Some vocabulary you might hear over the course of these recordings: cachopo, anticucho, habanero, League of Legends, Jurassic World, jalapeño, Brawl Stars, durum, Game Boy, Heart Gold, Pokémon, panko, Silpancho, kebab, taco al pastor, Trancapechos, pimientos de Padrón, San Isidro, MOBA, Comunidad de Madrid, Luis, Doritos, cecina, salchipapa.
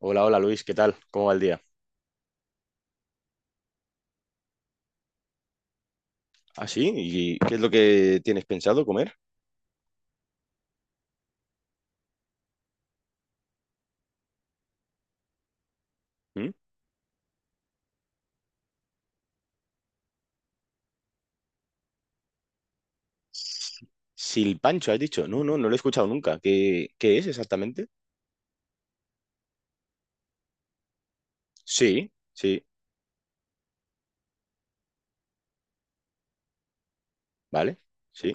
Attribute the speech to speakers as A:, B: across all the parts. A: Hola, hola Luis, ¿qué tal? ¿Cómo va el día? ¿Ah, sí? ¿Y qué es lo que tienes pensado comer? ¿Mm? Silpancho, has dicho. No, no, no lo he escuchado nunca. ¿Qué es exactamente? Sí, sí, vale, sí,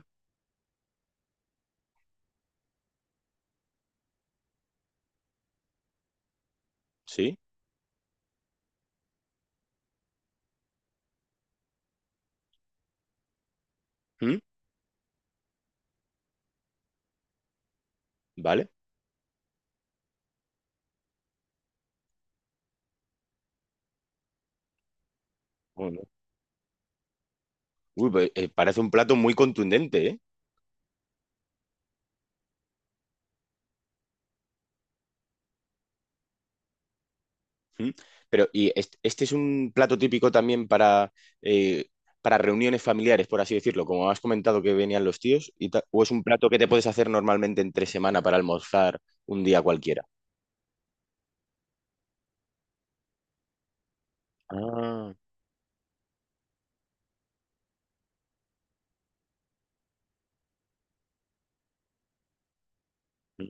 A: sí. ¿Mm? Vale. Oh, no. Uy, pues, parece un plato muy contundente, ¿eh? ¿Mm? Pero, ¿y este es un plato típico también eh, para reuniones familiares, por así decirlo? Como has comentado que venían los tíos, ¿o es un plato que te puedes hacer normalmente entre semana para almorzar un día cualquiera? Ah, mm.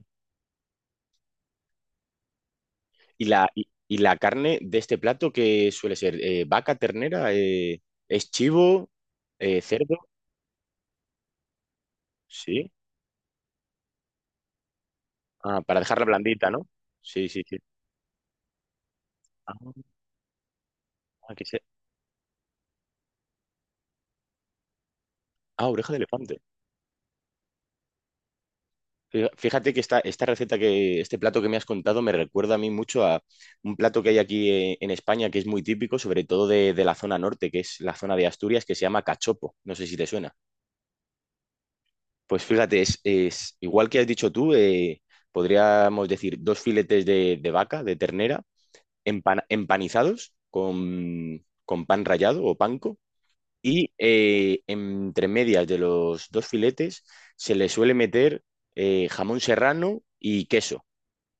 A: ¿Y la, y la carne de este plato que suele ser? ¿Vaca, ternera? ¿Es chivo? ¿Cerdo? Sí. Ah, para dejarla blandita, ¿no? Sí, sí, sí. Ah, ah, ah, oreja de elefante. Fíjate que esta receta que, este plato que me has contado me recuerda a mí mucho a un plato que hay aquí, en España, que es muy típico, sobre todo de la zona norte, que es la zona de Asturias, que se llama cachopo. No sé si te suena. Pues fíjate, es igual que has dicho tú. Podríamos decir dos filetes de vaca, de ternera, empanizados con pan rallado o panko. Y entre medias de los dos filetes se le suele meter, jamón serrano y queso.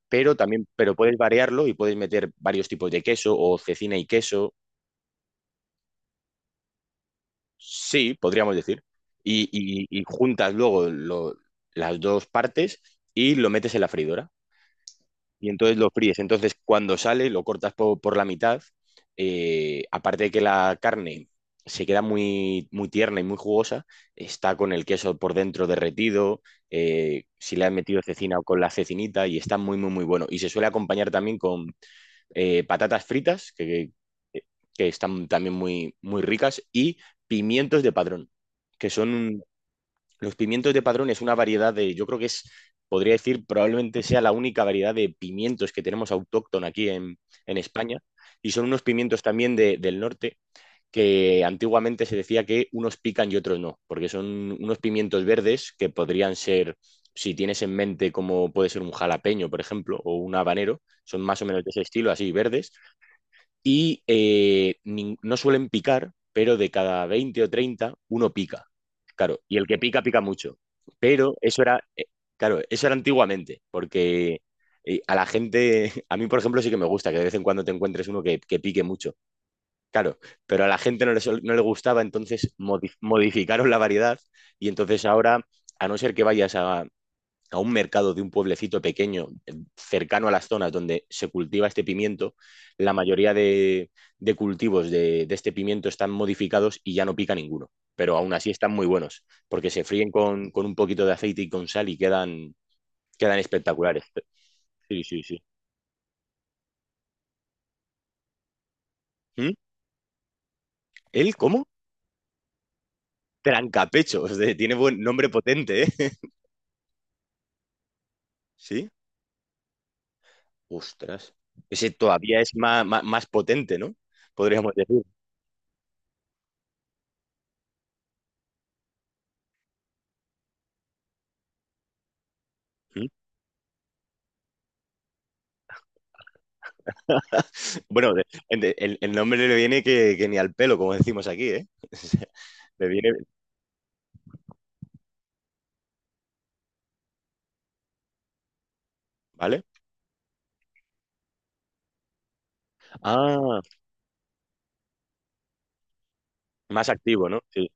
A: Pero también, pero puedes variarlo y puedes meter varios tipos de queso o cecina y queso. Sí, podríamos decir. Y juntas luego las dos partes y lo metes en la freidora. Y entonces lo fríes. Entonces, cuando sale, lo cortas por la mitad. Aparte de que la carne se queda muy, muy tierna y muy jugosa, está con el queso por dentro derretido, si le han metido cecina, o con la cecinita, y está muy, muy, muy bueno. Y se suele acompañar también con patatas fritas, que están también muy, muy ricas, y pimientos de padrón, que son... Los pimientos de Padrón es una variedad de, yo creo que es, podría decir, probablemente sea la única variedad de pimientos que tenemos autóctona aquí en España. Y son unos pimientos también del norte, que antiguamente se decía que unos pican y otros no, porque son unos pimientos verdes que podrían ser, si tienes en mente como puede ser un jalapeño, por ejemplo, o un habanero, son más o menos de ese estilo, así verdes, y no suelen picar, pero de cada 20 o 30 uno pica. Claro, y el que pica, pica mucho. Pero eso era, claro, eso era antiguamente, porque a la gente, a mí por ejemplo sí que me gusta que de vez en cuando te encuentres uno que pique mucho, claro, pero a la gente no le, no le gustaba, entonces modificaron la variedad y entonces ahora, a no ser que vayas a un mercado de un pueblecito pequeño, cercano a las zonas donde se cultiva este pimiento, la mayoría de, cultivos de este pimiento están modificados y ya no pica ninguno, pero aún así están muy buenos, porque se fríen con un poquito de aceite y con sal y quedan, quedan espectaculares. Sí, sí, sí. ¿Mm? ¿El cómo? Trancapechos, de, tiene buen nombre potente, ¿eh? Sí, ostras. Ese todavía es más, más, más potente, ¿no? Podríamos decir. ¿Mm? Bueno, el nombre le viene que ni al pelo, como decimos aquí, ¿eh? O sea. Le viene, ¿vale? Ah, más activo, ¿no? Sí.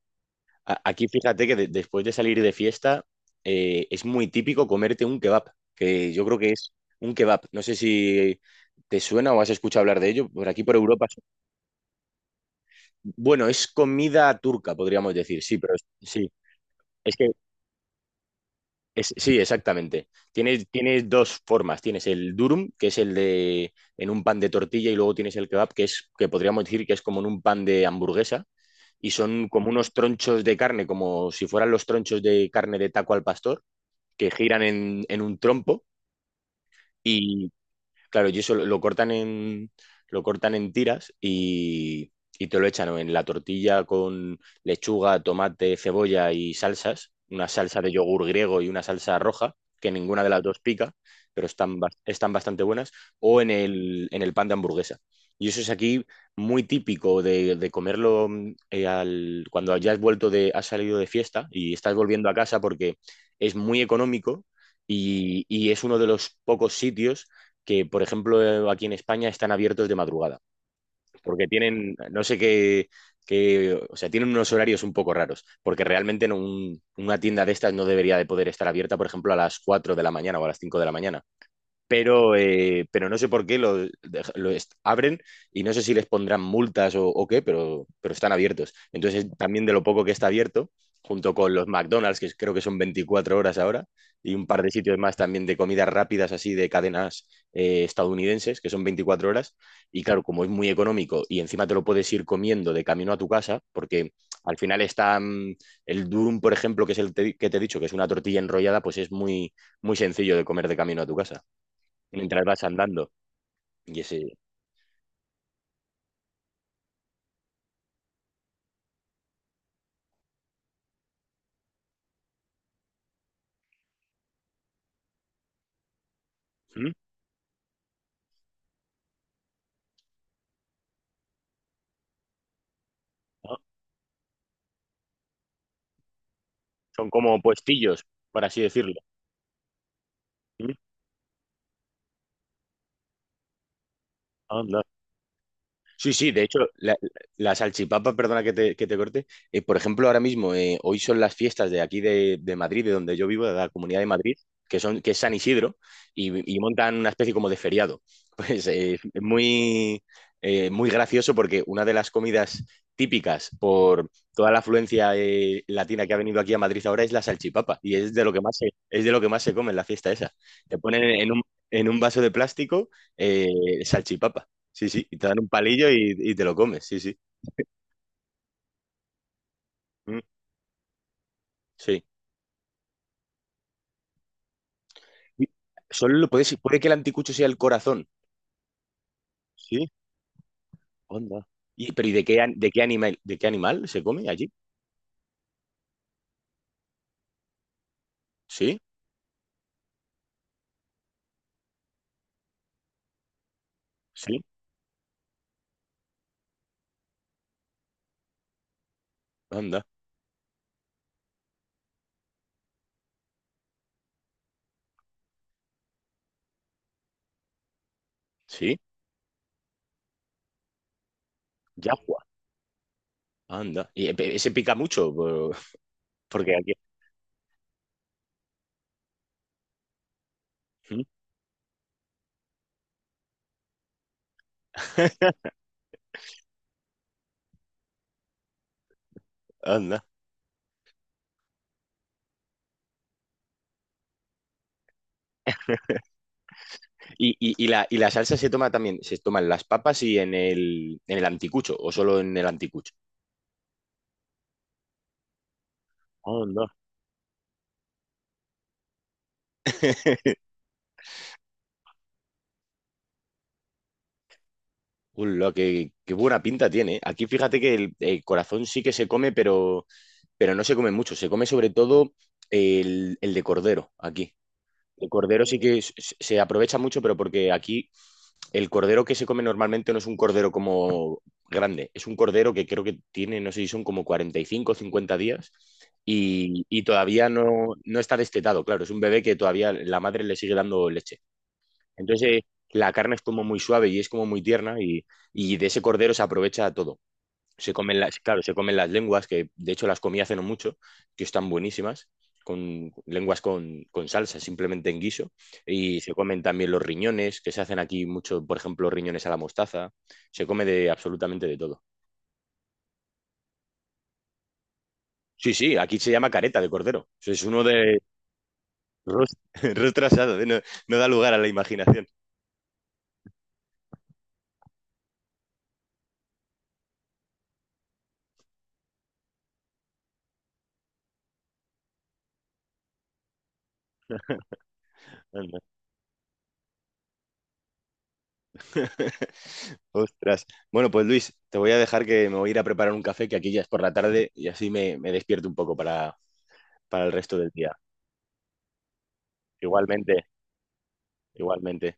A: Aquí fíjate que después de salir de fiesta, es muy típico comerte un kebab, que yo creo que es un kebab. No sé si te suena o has escuchado hablar de ello. Por aquí, por Europa. Sí. Bueno, es comida turca, podríamos decir, sí, pero sí. Es que sí, exactamente. Tienes, tienes dos formas. Tienes el durum, que es el de en un pan de tortilla, y luego tienes el kebab, que es que podríamos decir que es como en un pan de hamburguesa, y son como unos tronchos de carne, como si fueran los tronchos de carne de taco al pastor, que giran en un trompo. Claro, y eso lo cortan en, lo cortan en tiras y te lo echan o en la tortilla con lechuga, tomate, cebolla y salsas, una salsa de yogur griego y una salsa roja, que ninguna de las dos pica, pero están, están bastante buenas, o en el pan de hamburguesa. Y eso es aquí muy típico de comerlo, cuando ya has vuelto de, has salido de fiesta y estás volviendo a casa, porque es muy económico y es uno de los pocos sitios que, por ejemplo, aquí en España están abiertos de madrugada, porque tienen, no sé qué, o sea, tienen unos horarios un poco raros, porque realmente en una tienda de estas no debería de poder estar abierta, por ejemplo, a las 4 de la mañana o a las 5 de la mañana, pero no sé por qué lo, abren y no sé si les pondrán multas o qué, pero están abiertos. Entonces, también de lo poco que está abierto, junto con los McDonald's, que creo que son 24 horas ahora, y un par de sitios más también de comidas rápidas así de cadenas, estadounidenses, que son 24 horas, y claro, como es muy económico y encima te lo puedes ir comiendo de camino a tu casa, porque al final está, el durum, por ejemplo, que es el que te he dicho, que es una tortilla enrollada, pues es muy, muy sencillo de comer de camino a tu casa mientras vas andando. Y ese... ¿Mm? Ah, son como puestillos, por así decirlo. ¿Mm? Anda. Sí, sí, de hecho, la salchipapa, perdona que te corte. Por ejemplo, ahora mismo, hoy son las fiestas de aquí de Madrid, de donde yo vivo, de la Comunidad de Madrid, que son, que es San Isidro, y montan una especie como de feriado. Pues es muy, muy gracioso porque una de las comidas típicas por toda la afluencia, latina que ha venido aquí a Madrid ahora es la salchipapa, y es de lo que más se, es de lo que más se come en la fiesta esa. Te ponen en un vaso de plástico, eh, salchipapa. Sí, sí, y te dan un palillo y te lo comes, sí, sí. Mm, sí. Y... Solo lo puedes, puede que el anticucho sea el corazón. Sí, onda. Y pero, ¿y de qué, de qué animal se come allí? Sí, sí, anda, sí, yagua, anda. Y ese pica mucho, porque aquí... Mm. Anda. Y la salsa se toma también, se toman las papas y en el anticucho, o solo en el anticucho. Anda. Lo que, qué buena pinta tiene. Aquí fíjate que el corazón sí que se come, pero no se come mucho. Se come sobre todo el de cordero aquí. El cordero sí que se aprovecha mucho, pero porque aquí el cordero que se come normalmente no es un cordero como grande. Es un cordero que creo que tiene, no sé si son como 45 o 50 días, y todavía no, no está destetado. Claro, es un bebé que todavía la madre le sigue dando leche. Entonces, la carne es como muy suave y es como muy tierna, y de ese cordero se aprovecha todo. Se comen las, claro, se comen las lenguas, que de hecho las comí hace no mucho, que están buenísimas, con lenguas con salsa, simplemente en guiso. Y se comen también los riñones, que se hacen aquí mucho, por ejemplo, riñones a la mostaza. Se come de absolutamente de todo. Sí, sí, aquí se llama careta de cordero. Eso es uno de... Rostro, rostro asado, ¿eh? No, no da lugar a la imaginación. Anda. Ostras. Bueno, pues Luis, te voy a dejar, que me voy a ir a preparar un café, que aquí ya es por la tarde y así me, me despierto un poco para el resto del día. Igualmente, igualmente.